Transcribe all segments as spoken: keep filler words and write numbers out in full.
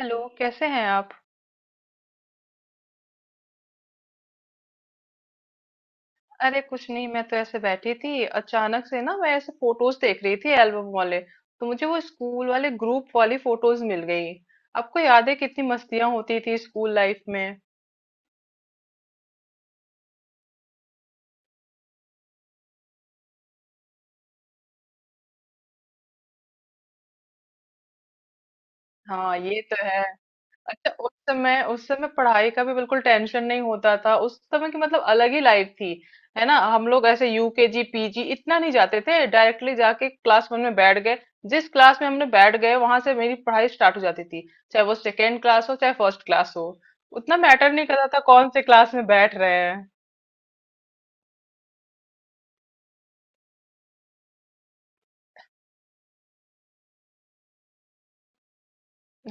Hello, कैसे हैं आप। अरे कुछ नहीं, मैं तो ऐसे बैठी थी। अचानक से ना मैं ऐसे फोटोज देख रही थी, एल्बम वाले, तो मुझे वो स्कूल वाले ग्रुप वाली फोटोज मिल गई। आपको याद है कितनी मस्तियां होती थी स्कूल लाइफ में। हाँ ये तो है। अच्छा उस समय उस समय पढ़ाई का भी बिल्कुल टेंशन नहीं होता था। उस समय की मतलब अलग ही लाइफ थी। है ना, हम लोग ऐसे यूकेजी पीजी इतना नहीं जाते थे, डायरेक्टली जाके क्लास वन में बैठ गए। जिस क्लास में हमने बैठ गए वहां से मेरी पढ़ाई स्टार्ट हो जाती थी, चाहे वो सेकेंड क्लास हो चाहे फर्स्ट क्लास हो। उतना मैटर नहीं करता था कौन से क्लास में बैठ रहे हैं।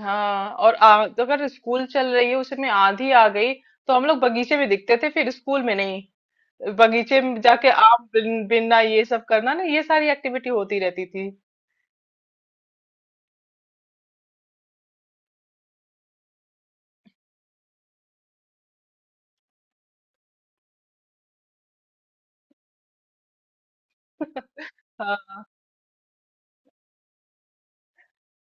हाँ, और आ, तो अगर स्कूल चल रही है उसमें आंधी आ गई तो हम लोग बगीचे में दिखते थे, फिर स्कूल में नहीं। बगीचे में जाके आम बिन, बिनना ये सब करना ना, ये सारी एक्टिविटी होती रहती थी। हाँ,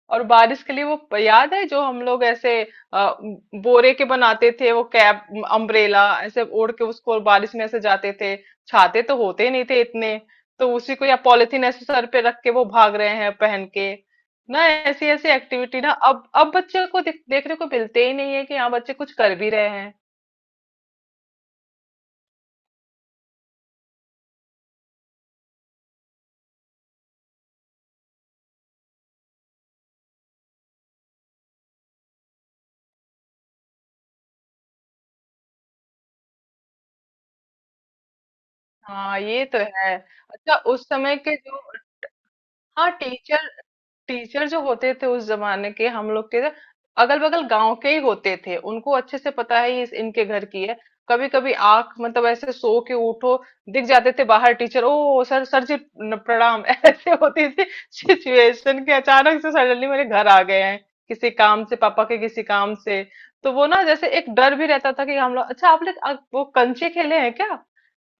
और बारिश के लिए वो प- याद है जो हम लोग ऐसे अ, बोरे के बनाते थे वो कैप, अम्ब्रेला, ऐसे ओढ़ के उसको बारिश में ऐसे जाते थे। छाते तो होते नहीं थे इतने, तो उसी को या पॉलिथीन ऐसे सर पे रख के वो भाग रहे हैं पहन के। ना ऐसी ऐसी एक्टिविटी ना, अब अब बच्चे को देख, देखने को मिलते ही नहीं है कि हाँ बच्चे कुछ कर भी रहे हैं। हाँ ये तो है। अच्छा उस समय के जो, हाँ टीचर, टीचर जो होते थे उस जमाने के हम लोग के, अगल बगल गांव के ही होते थे। उनको अच्छे से पता है ये इस इनके घर की है। कभी कभी आंख, मतलब ऐसे सो के उठो, दिख जाते थे बाहर टीचर। ओ सर, सर जी, न- प्रणाम। ऐसे होती थी सिचुएशन के अचानक से, सडनली मेरे घर आ गए हैं, किसी काम से, पापा के किसी काम से। तो वो ना जैसे एक डर भी रहता था कि हम लोग। अच्छा आप लोग आप वो कंचे खेले हैं क्या,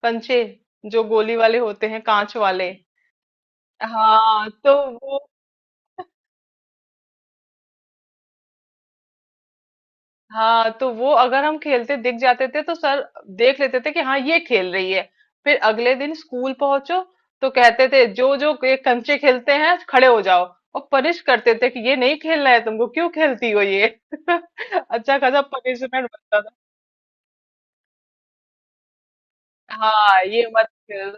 कंचे, जो गोली वाले होते हैं कांच वाले। हाँ तो वो, हाँ तो वो अगर हम खेलते दिख जाते थे तो सर देख लेते थे कि हाँ ये खेल रही है। फिर अगले दिन स्कूल पहुंचो तो कहते थे जो जो ये कंचे खेलते हैं खड़े हो जाओ, और पनिश करते थे कि ये नहीं खेलना है तुमको, क्यों खेलती हो ये। अच्छा खासा पनिशमेंट बनता था। हाँ ये मत खेल।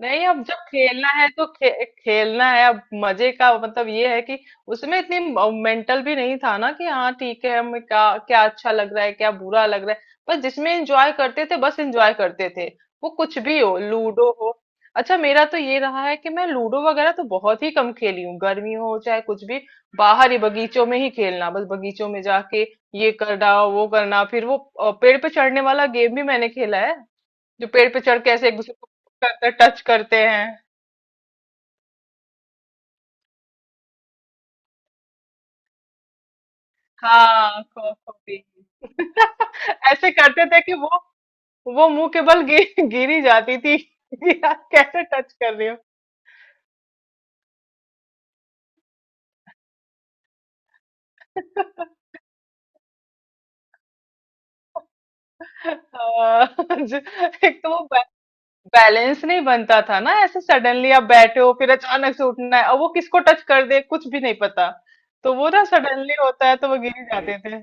नहीं, अब जब खेलना है तो खे, खेलना है। अब मजे का मतलब ये है कि उसमें इतनी मेंटल भी नहीं था ना कि हाँ ठीक है, हमें क्या क्या अच्छा लग रहा है क्या बुरा लग रहा है। बस जिसमें एंजॉय करते थे बस एंजॉय करते थे। वो कुछ भी हो, लूडो हो। अच्छा मेरा तो ये रहा है कि मैं लूडो वगैरह तो बहुत ही कम खेली हूँ। गर्मी हो चाहे कुछ भी, बाहर ही बगीचों में ही खेलना, बस बगीचों में जाके ये करना वो करना। फिर वो अ, पेड़ पे चढ़ने वाला गेम भी मैंने खेला है। जो पेड़ पे चढ़ के ऐसे एक दूसरे को करते टच करते हैं। हाँ खो खो भी। ऐसे करते थे कि वो वो मुंह के बल गिर गिरी जाती थी। यार कैसे टच कर रही हो। आ, जो- एक तो वो बै- बैलेंस नहीं बनता था ना। ऐसे सडनली आप बैठे हो फिर अचानक से उठना है, और वो किसको टच कर दे कुछ भी नहीं पता। तो वो ना सडनली होता है तो वो गिर ही जाते थे।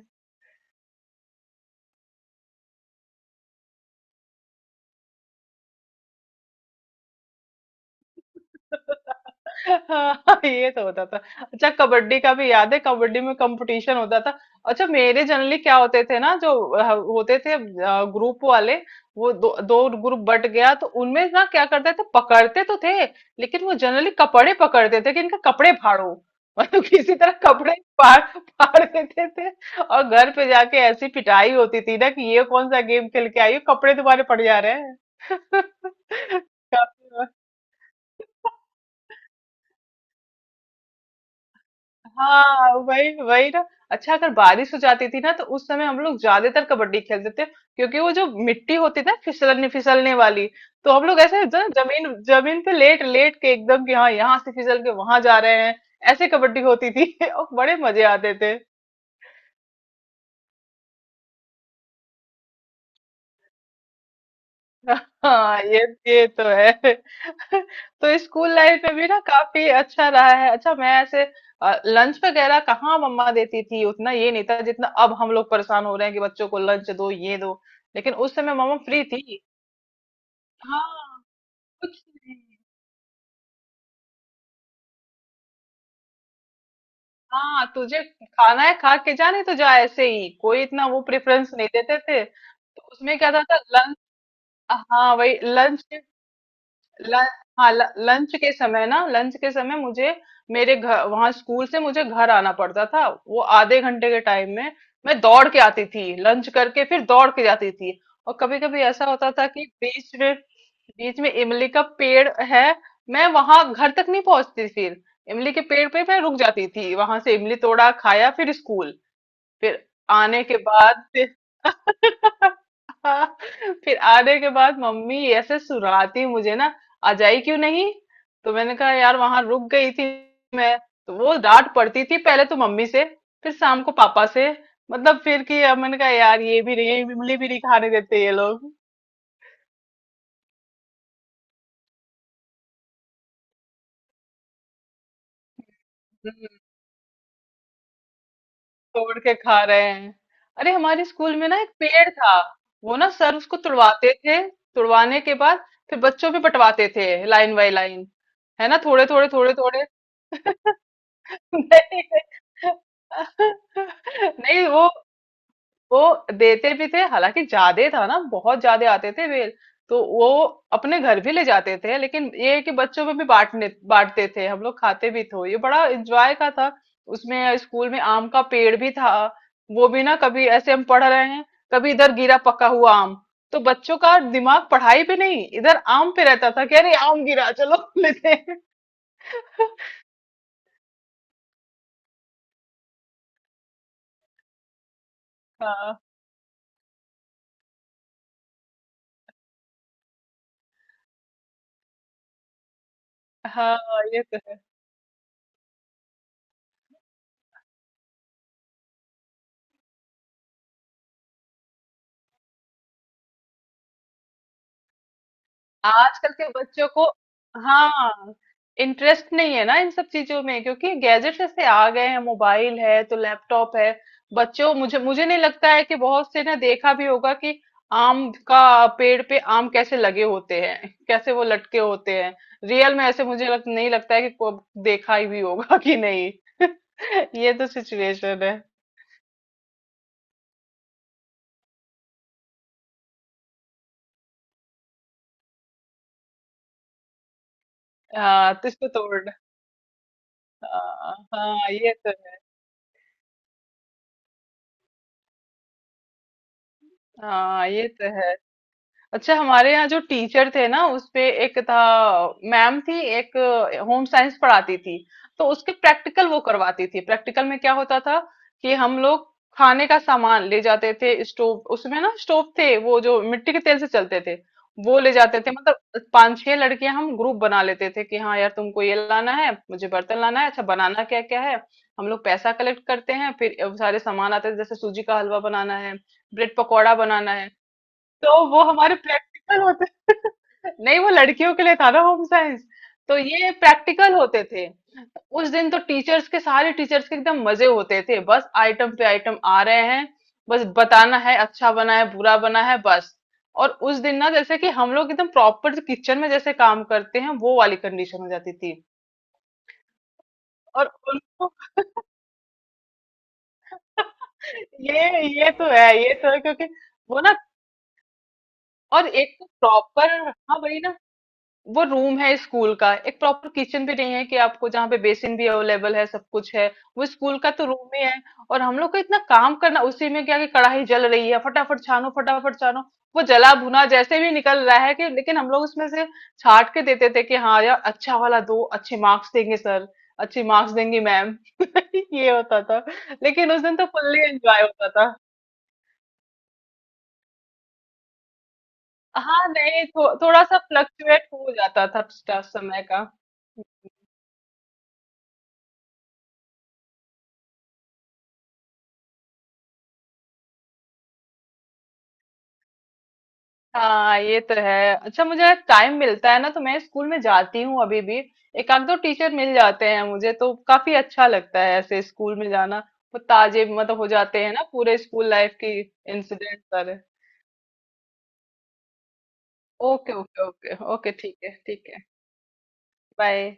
हाँ ये तो होता था। अच्छा कबड्डी का भी याद है, कबड्डी में कंपटीशन होता था। अच्छा मेरे जनरली क्या होते थे ना जो अ, होते थे ग्रुप वाले, वो दो दो ग्रुप बट गया तो उनमें ना क्या करते थे, पकड़ते तो थे लेकिन वो जनरली कपड़े पकड़ते थे कि इनका कपड़े फाड़ो। मतलब किसी तरह कपड़े फाड़ फाड़ देते थे। और घर पे जाके ऐसी पिटाई होती थी ना कि ये कौन सा गेम खेल के आई हो, कपड़े तुम्हारे पड़ जा रहे हैं। काफी। हाँ वही वही ना। अच्छा अगर बारिश हो जाती थी ना तो उस समय हम लोग ज्यादातर कबड्डी खेलते थे, क्योंकि वो जो मिट्टी होती थी ना फिसलने फिसलने वाली, तो हम लोग ऐसे जो ना जमीन जमीन पे लेट लेट के एकदम कि हाँ यहाँ से फिसल के वहां जा रहे हैं। ऐसे कबड्डी होती थी। और बड़े मजे आते थे। हाँ ये ये तो है। तो स्कूल लाइफ में भी ना काफी अच्छा रहा है। अच्छा मैं ऐसे लंच वगैरह कहाँ, मम्मा देती थी उतना ये नहीं था जितना अब हम लोग परेशान हो रहे हैं कि बच्चों को लंच दो ये दो। लेकिन उस समय मम्मा फ्री थी। हाँ, कुछ नहीं। हाँ तुझे खाना है खा के जा, नहीं तो जा, ऐसे ही कोई इतना वो प्रेफरेंस नहीं देते थे। तो उसमें क्या था, था लंच। हाँ वही लंच। लं- हाँ ल- लंच के समय ना, लंच के समय मुझे, मेरे घर वहां स्कूल से मुझे घर आना पड़ता था वो आधे घंटे के टाइम में। मैं दौड़ के आती थी, लंच करके फिर दौड़ के जाती थी। और कभी कभी ऐसा होता था कि बीच में बीच में इमली का पेड़ है, मैं वहां घर तक नहीं पहुंचती। फिर इमली के पेड़ पे मैं रुक जाती थी, वहां से इमली तोड़ा खाया फिर स्कूल। फिर आने के बाद फिर, फिर आने के बाद मम्मी ऐसे सुराती मुझे ना, आ जाई क्यों नहीं। तो मैंने कहा यार वहां रुक गई थी मैं। तो वो डांट पड़ती थी पहले तो मम्मी से, फिर शाम को पापा से। मतलब फिर कि अब मैंने कहा यार ये भी नहीं, ये इमली भी नहीं खाने देते ये लोग। तोड़ के खा रहे हैं। अरे हमारे स्कूल में ना एक पेड़ था, वो ना सर उसको तुड़वाते थे। तुड़वाने के बाद फिर बच्चों पे बंटवाते थे, लाइन बाय लाइन। है ना, थोड़े थोड़े थोड़े थोड़े। नहीं, नहीं वो, वो देते भी थे, हालांकि ज्यादा था ना, बहुत ज्यादा आते थे बेल। तो वो अपने घर भी ले जाते थे लेकिन ये है कि बच्चों में भी बांटने बांटते थे, हम लोग खाते भी थे, ये बड़ा एंजॉय का था। उसमें स्कूल में आम का पेड़ भी था। वो भी ना, कभी ऐसे हम पढ़ रहे हैं, कभी इधर गिरा पका हुआ आम। तो बच्चों का दिमाग पढ़ाई पे नहीं, इधर आम पे रहता था कि अरे आम गिरा, चलो लेते हैं। हाँ हाँ ये तो है। आजकल के बच्चों को, हाँ, इंटरेस्ट नहीं है ना इन सब चीजों में, क्योंकि गैजेट्स ऐसे आ गए हैं, मोबाइल है तो लैपटॉप है। बच्चों, मुझे मुझे नहीं लगता है कि बहुत से ने देखा भी होगा कि आम का पेड़ पे आम कैसे लगे होते हैं, कैसे वो लटके होते हैं। रियल में ऐसे मुझे लग, नहीं लगता है कि को- देखा ही भी होगा कि नहीं। ये तो सिचुएशन है। हाँ तो इसको तोड़, हाँ हाँ ये तो है। हाँ ये तो है। अच्छा हमारे यहाँ जो टीचर थे ना, उसपे एक था, मैम थी एक, होम साइंस पढ़ाती थी। तो उसके प्रैक्टिकल वो करवाती थी। प्रैक्टिकल में क्या होता था कि हम लोग खाने का सामान ले जाते थे, स्टोव, उसमें ना स्टोव थे वो जो मिट्टी के तेल से चलते थे, वो ले जाते थे। मतलब पांच छह लड़कियां हम ग्रुप बना लेते थे कि हाँ यार तुमको ये लाना है, मुझे बर्तन लाना है, अच्छा बनाना क्या क्या है। हम लोग पैसा कलेक्ट करते हैं फिर सारे सामान आते थे, जैसे सूजी का हलवा बनाना है, ब्रेड पकौड़ा बनाना है। तो वो हमारे प्रैक्टिकल होते। नहीं, वो लड़कियों के लिए था ना होम साइंस, तो ये प्रैक्टिकल होते थे। उस दिन तो टीचर्स के सारे टीचर्स के एकदम मजे होते थे, बस आइटम पे आइटम आ रहे हैं। बस बताना है अच्छा बना है बुरा बना है, बस। और उस दिन ना जैसे कि हम लोग एकदम प्रॉपर किचन में जैसे काम करते हैं, वो वाली कंडीशन हो जाती थी। और उनको, ये ये तो है, ये तो है, क्योंकि वो ना। और एक तो प्रॉपर, हाँ वही ना, वो रूम है स्कूल का, एक प्रॉपर किचन भी नहीं है कि आपको जहाँ पे बेसिन भी अवेलेबल है सब कुछ है। वो स्कूल का तो रूम ही है। और हम लोग को इतना काम करना उसी में, क्या कि कढ़ाई जल रही है, फटाफट छानो फटाफट छानो। वो जला भुना जैसे भी निकल रहा है, कि लेकिन हम लोग उसमें से छाट के देते थे कि हाँ यार अच्छा वाला दो, अच्छे मार्क्स देंगे सर, अच्छे मार्क्स देंगी मैम। ये होता था। लेकिन उस दिन तो फुल्ली एंजॉय होता था। हाँ नहीं थो, थोड़ा सा फ्लक्चुएट हो जाता था समय का। हाँ ये तो है। अच्छा मुझे टाइम मिलता है ना तो मैं स्कूल में जाती हूँ अभी भी। एक आध दो टीचर मिल जाते हैं, मुझे तो काफी अच्छा लगता है ऐसे स्कूल में जाना। वो ताजे मतलब हो जाते हैं ना पूरे स्कूल लाइफ की इंसिडेंट सारे। ओके ओके ओके ओके, ठीक है ठीक है। बाय।